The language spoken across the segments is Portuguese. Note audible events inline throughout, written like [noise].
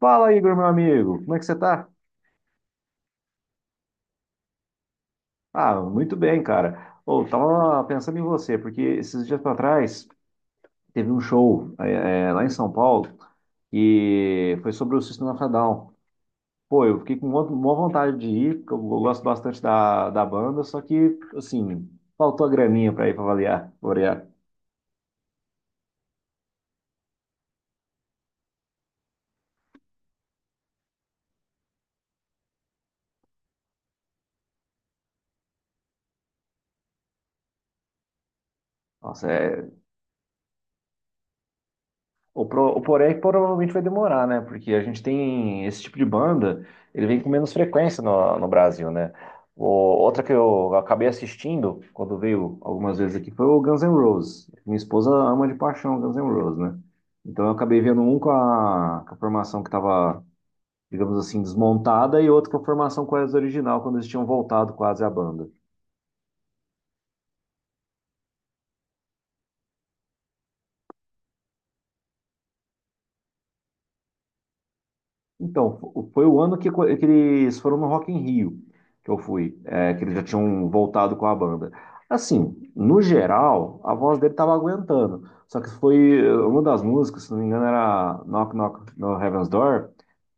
Fala, Igor, meu amigo, como é que você tá? Ah, muito bem, cara. Ô, tava pensando em você, porque esses dias pra trás teve um show lá em São Paulo e foi sobre o System of a Down. Pô, eu fiquei com uma vontade de ir, porque eu gosto bastante da banda, só que, assim, faltou a graninha pra ir pra avaliar, variar. Nossa, é. O porém é que provavelmente vai demorar, né? Porque a gente tem esse tipo de banda, ele vem com menos frequência no Brasil, né? Outra que eu acabei assistindo quando veio algumas vezes aqui foi o Guns N' Roses. Minha esposa ama de paixão Guns N' Roses, né? Então eu acabei vendo um com a formação que estava, digamos assim, desmontada, e outro com a formação quase original, quando eles tinham voltado quase à banda. Então, foi o ano que, que eles foram no Rock in Rio, que eu fui, que eles já tinham voltado com a banda. Assim, no geral, a voz dele tava aguentando. Só que uma das músicas, se não me engano, era Knock Knock no Heaven's Door.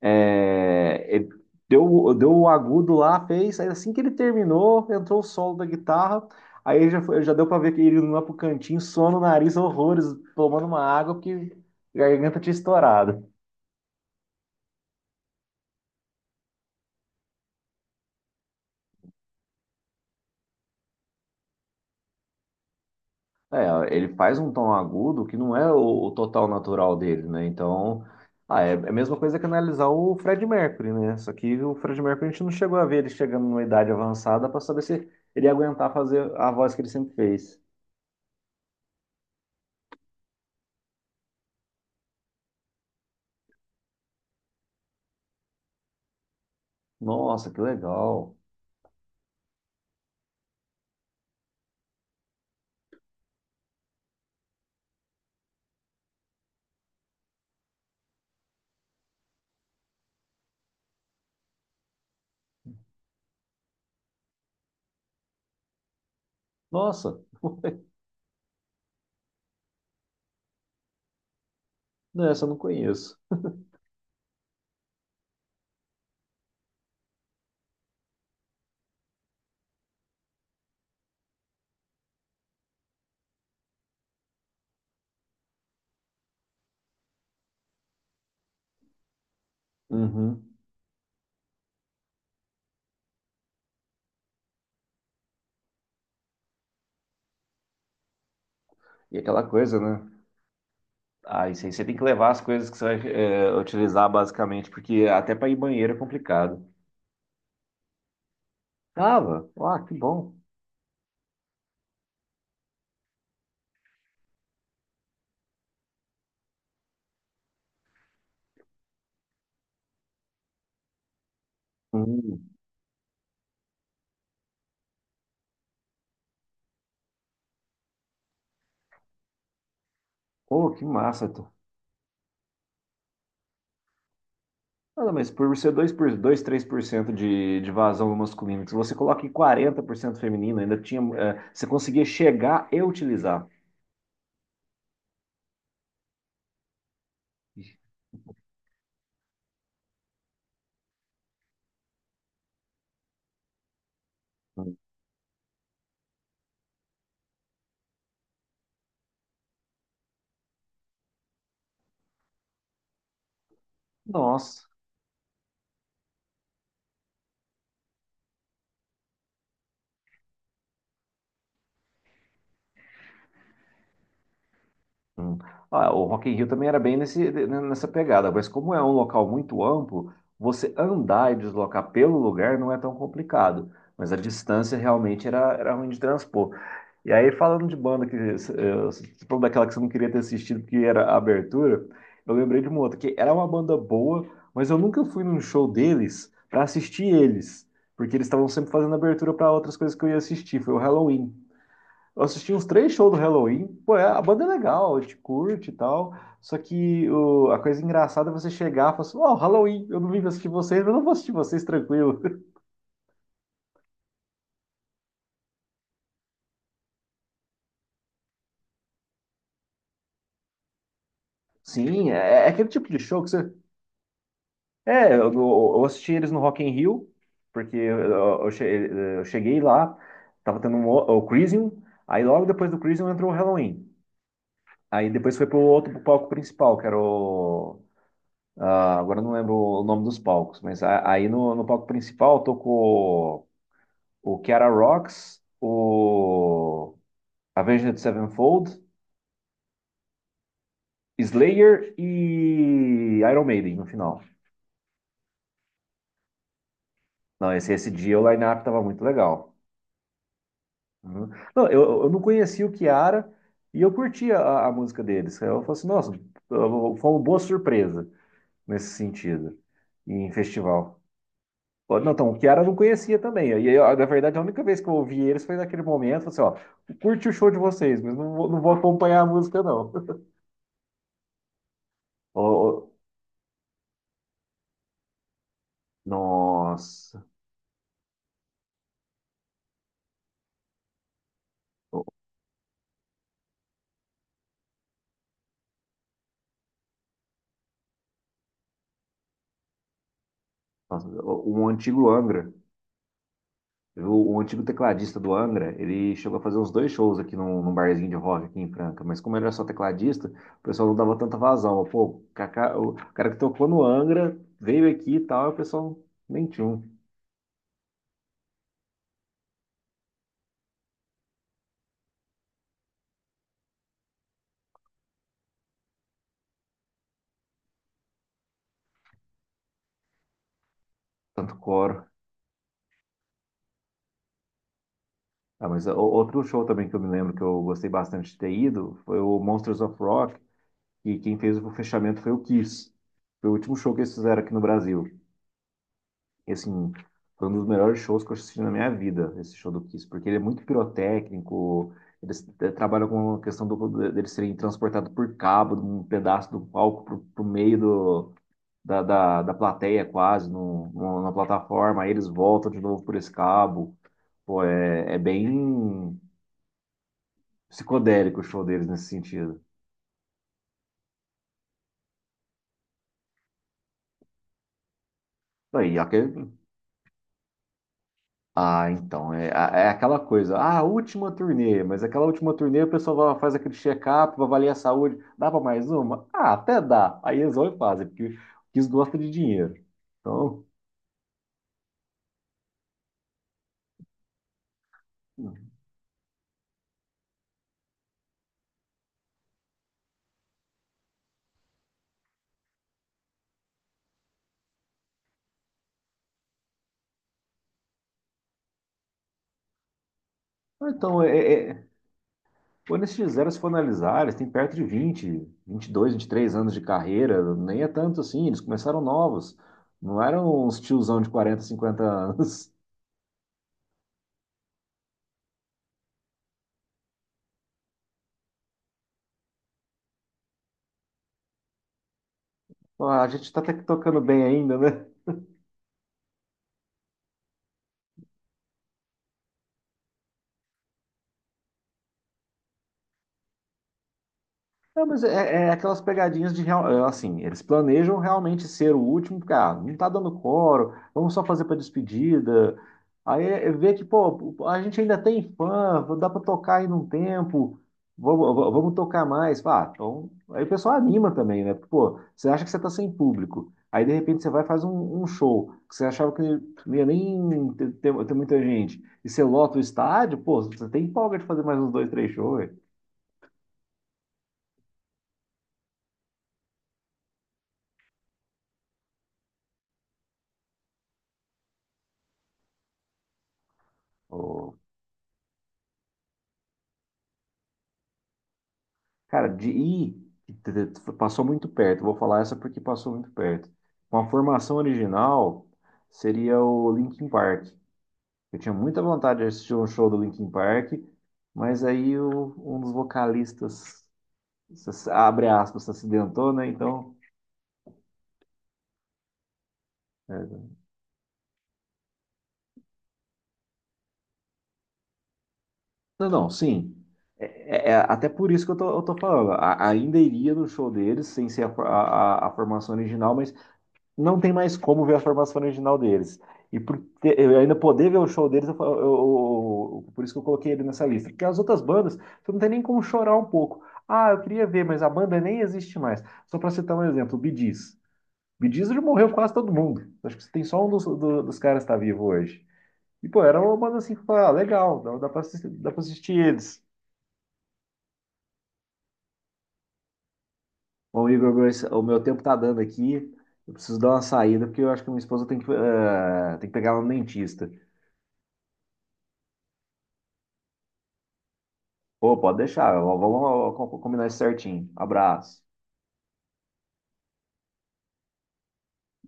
É, ele deu o agudo lá, fez. Aí assim que ele terminou, entrou o solo da guitarra. Aí já, já deu pra ver que ele não ia pro cantinho, sono, nariz, horrores, tomando uma água, porque a garganta tinha estourado. É, ele faz um tom agudo que não é o total natural dele, né? Então, ah, é a mesma coisa que analisar o Fred Mercury, né? Só que o Fred Mercury a gente não chegou a ver ele chegando numa idade avançada para saber se ele ia aguentar fazer a voz que ele sempre fez. Nossa, que legal. Nossa, não, essa eu não conheço. Uhum. E aquela coisa, né? Ah, isso aí você tem que levar as coisas que você vai utilizar basicamente, porque até para ir banheiro é complicado. Tava, ah, que bom. Hum. Pô, que massa. Nada, mas por ser dois 3% de vazão masculino, se você coloca em 40% feminino, ainda tinha, você conseguia chegar e utilizar. Nossa. Hum. Ah, o Rock in Rio também era bem nessa pegada, mas como é um local muito amplo, você andar e deslocar pelo lugar não é tão complicado, mas a distância realmente era ruim de transpor. E aí, falando de banda, você falou daquela que você não queria ter assistido, porque era a abertura. Eu lembrei de uma outra, que era uma banda boa, mas eu nunca fui num show deles para assistir eles, porque eles estavam sempre fazendo abertura para outras coisas que eu ia assistir, foi o Halloween. Eu assisti uns três shows do Halloween. Pô, a banda é legal, a gente curte e tal. Só que a coisa engraçada é você chegar e falar assim: Ó, Halloween, eu não vim pra assistir vocês, mas eu não vou assistir vocês tranquilo. [laughs] Sim, é aquele tipo de show que você. É, eu assisti eles no Rock in Rio, porque eu che- eu cheguei lá, tava tendo o Crisium, aí logo depois do Crisium entrou o Halloween. Aí depois foi pro palco principal, que era o. Ah, agora eu não lembro o nome dos palcos, mas aí no palco principal tocou o Kiara Rocks, o Avenged Sevenfold, Slayer e Iron Maiden no final. Não, esse dia o line-up tava muito legal. Uhum. Não, eu não conhecia o Kiara, e eu curtia a música deles. Eu falei assim, nossa, foi uma boa surpresa nesse sentido, em festival. Não, então, o Kiara eu não conhecia também. E aí, ó, na verdade, a única vez que eu ouvi eles foi naquele momento. Eu falei assim, ó, curte o show de vocês, mas não vou acompanhar a música, não. [laughs] Ó, ó, nossa. O- Nossa, um antigo Angra, o antigo tecladista do Angra, ele chegou a fazer uns dois shows aqui num barzinho de rock aqui em Franca, mas como ele era só tecladista, o pessoal não dava tanta vazão. Pô, o cara que tocou no Angra veio aqui e tal, e o pessoal nem tinha um tanto coro. Ah, mas outro show também que eu me lembro que eu gostei bastante de ter ido foi o Monsters of Rock, e quem fez o fechamento foi o Kiss. Foi o último show que eles fizeram aqui no Brasil. E assim, foi um dos melhores shows que eu assisti na minha vida, esse show do Kiss, porque ele é muito pirotécnico. Eles trabalham com a questão deles serem transportados por cabo, de um pedaço do palco pro meio da plateia quase, na plataforma, aí eles voltam de novo por esse cabo. Pô, é bem psicodélico o show deles nesse sentido. Aí, aquele, ah, então, é aquela coisa. Ah, última turnê, mas aquela última turnê o pessoal faz aquele check-up, vai avaliar a saúde. Dá para mais uma? Ah, até dá. Aí eles vão e fazem, porque eles gostam de dinheiro. Então, ah, então é, é, quando eles fizeram, se for analisar, eles têm perto de 20, 22, 23 anos de carreira, nem é tanto assim, eles começaram novos. Não eram uns tiozão de 40, 50 anos. [laughs] Ah, a gente tá até que tocando bem ainda, né? É, mas é aquelas pegadinhas de assim, eles planejam realmente ser o último, porque ah, não tá dando coro, vamos só fazer para despedida. Aí é ver que, pô, a gente ainda tem fã, dá para tocar ainda um tempo, vamos tocar mais. Ah, então, aí o pessoal anima também, né? Pô, você acha que você tá sem público. Aí de repente você vai e faz um show que você achava que não ia nem ter muita gente. E você lota o estádio, pô, você tem folga de fazer mais uns dois, três shows. Cara, de ir, passou muito perto. Vou falar essa porque passou muito perto. Uma formação original seria o Linkin Park. Eu tinha muita vontade de assistir um show do Linkin Park, mas aí um dos vocalistas, abre aspas, se acidentou, né? Então. É, não, não, sim. É, é até por isso que eu tô falando. Ainda iria no show deles, sem ser a, a formação original, mas não tem mais como ver a formação original deles. E por eu ainda poder ver o show deles, eu, fa- eu- por isso que eu coloquei ele nessa lista. Porque as outras bandas, você não tem nem como chorar um pouco. Ah, eu queria ver, mas a banda nem existe mais. Só para citar um exemplo, o Bee Gees. Bee Gees já morreu quase todo mundo. Acho que tem só um dos caras que está vivo hoje. E, pô, era uma banda assim que falava, ah, legal, dá para assistir, dá pra assistir eles. Bom, Igor, o meu tempo tá dando aqui. Eu preciso dar uma saída, porque eu acho que minha esposa tem que pegar ela no dentista. Pô, pode deixar. Vamos combinar isso certinho. Abraço.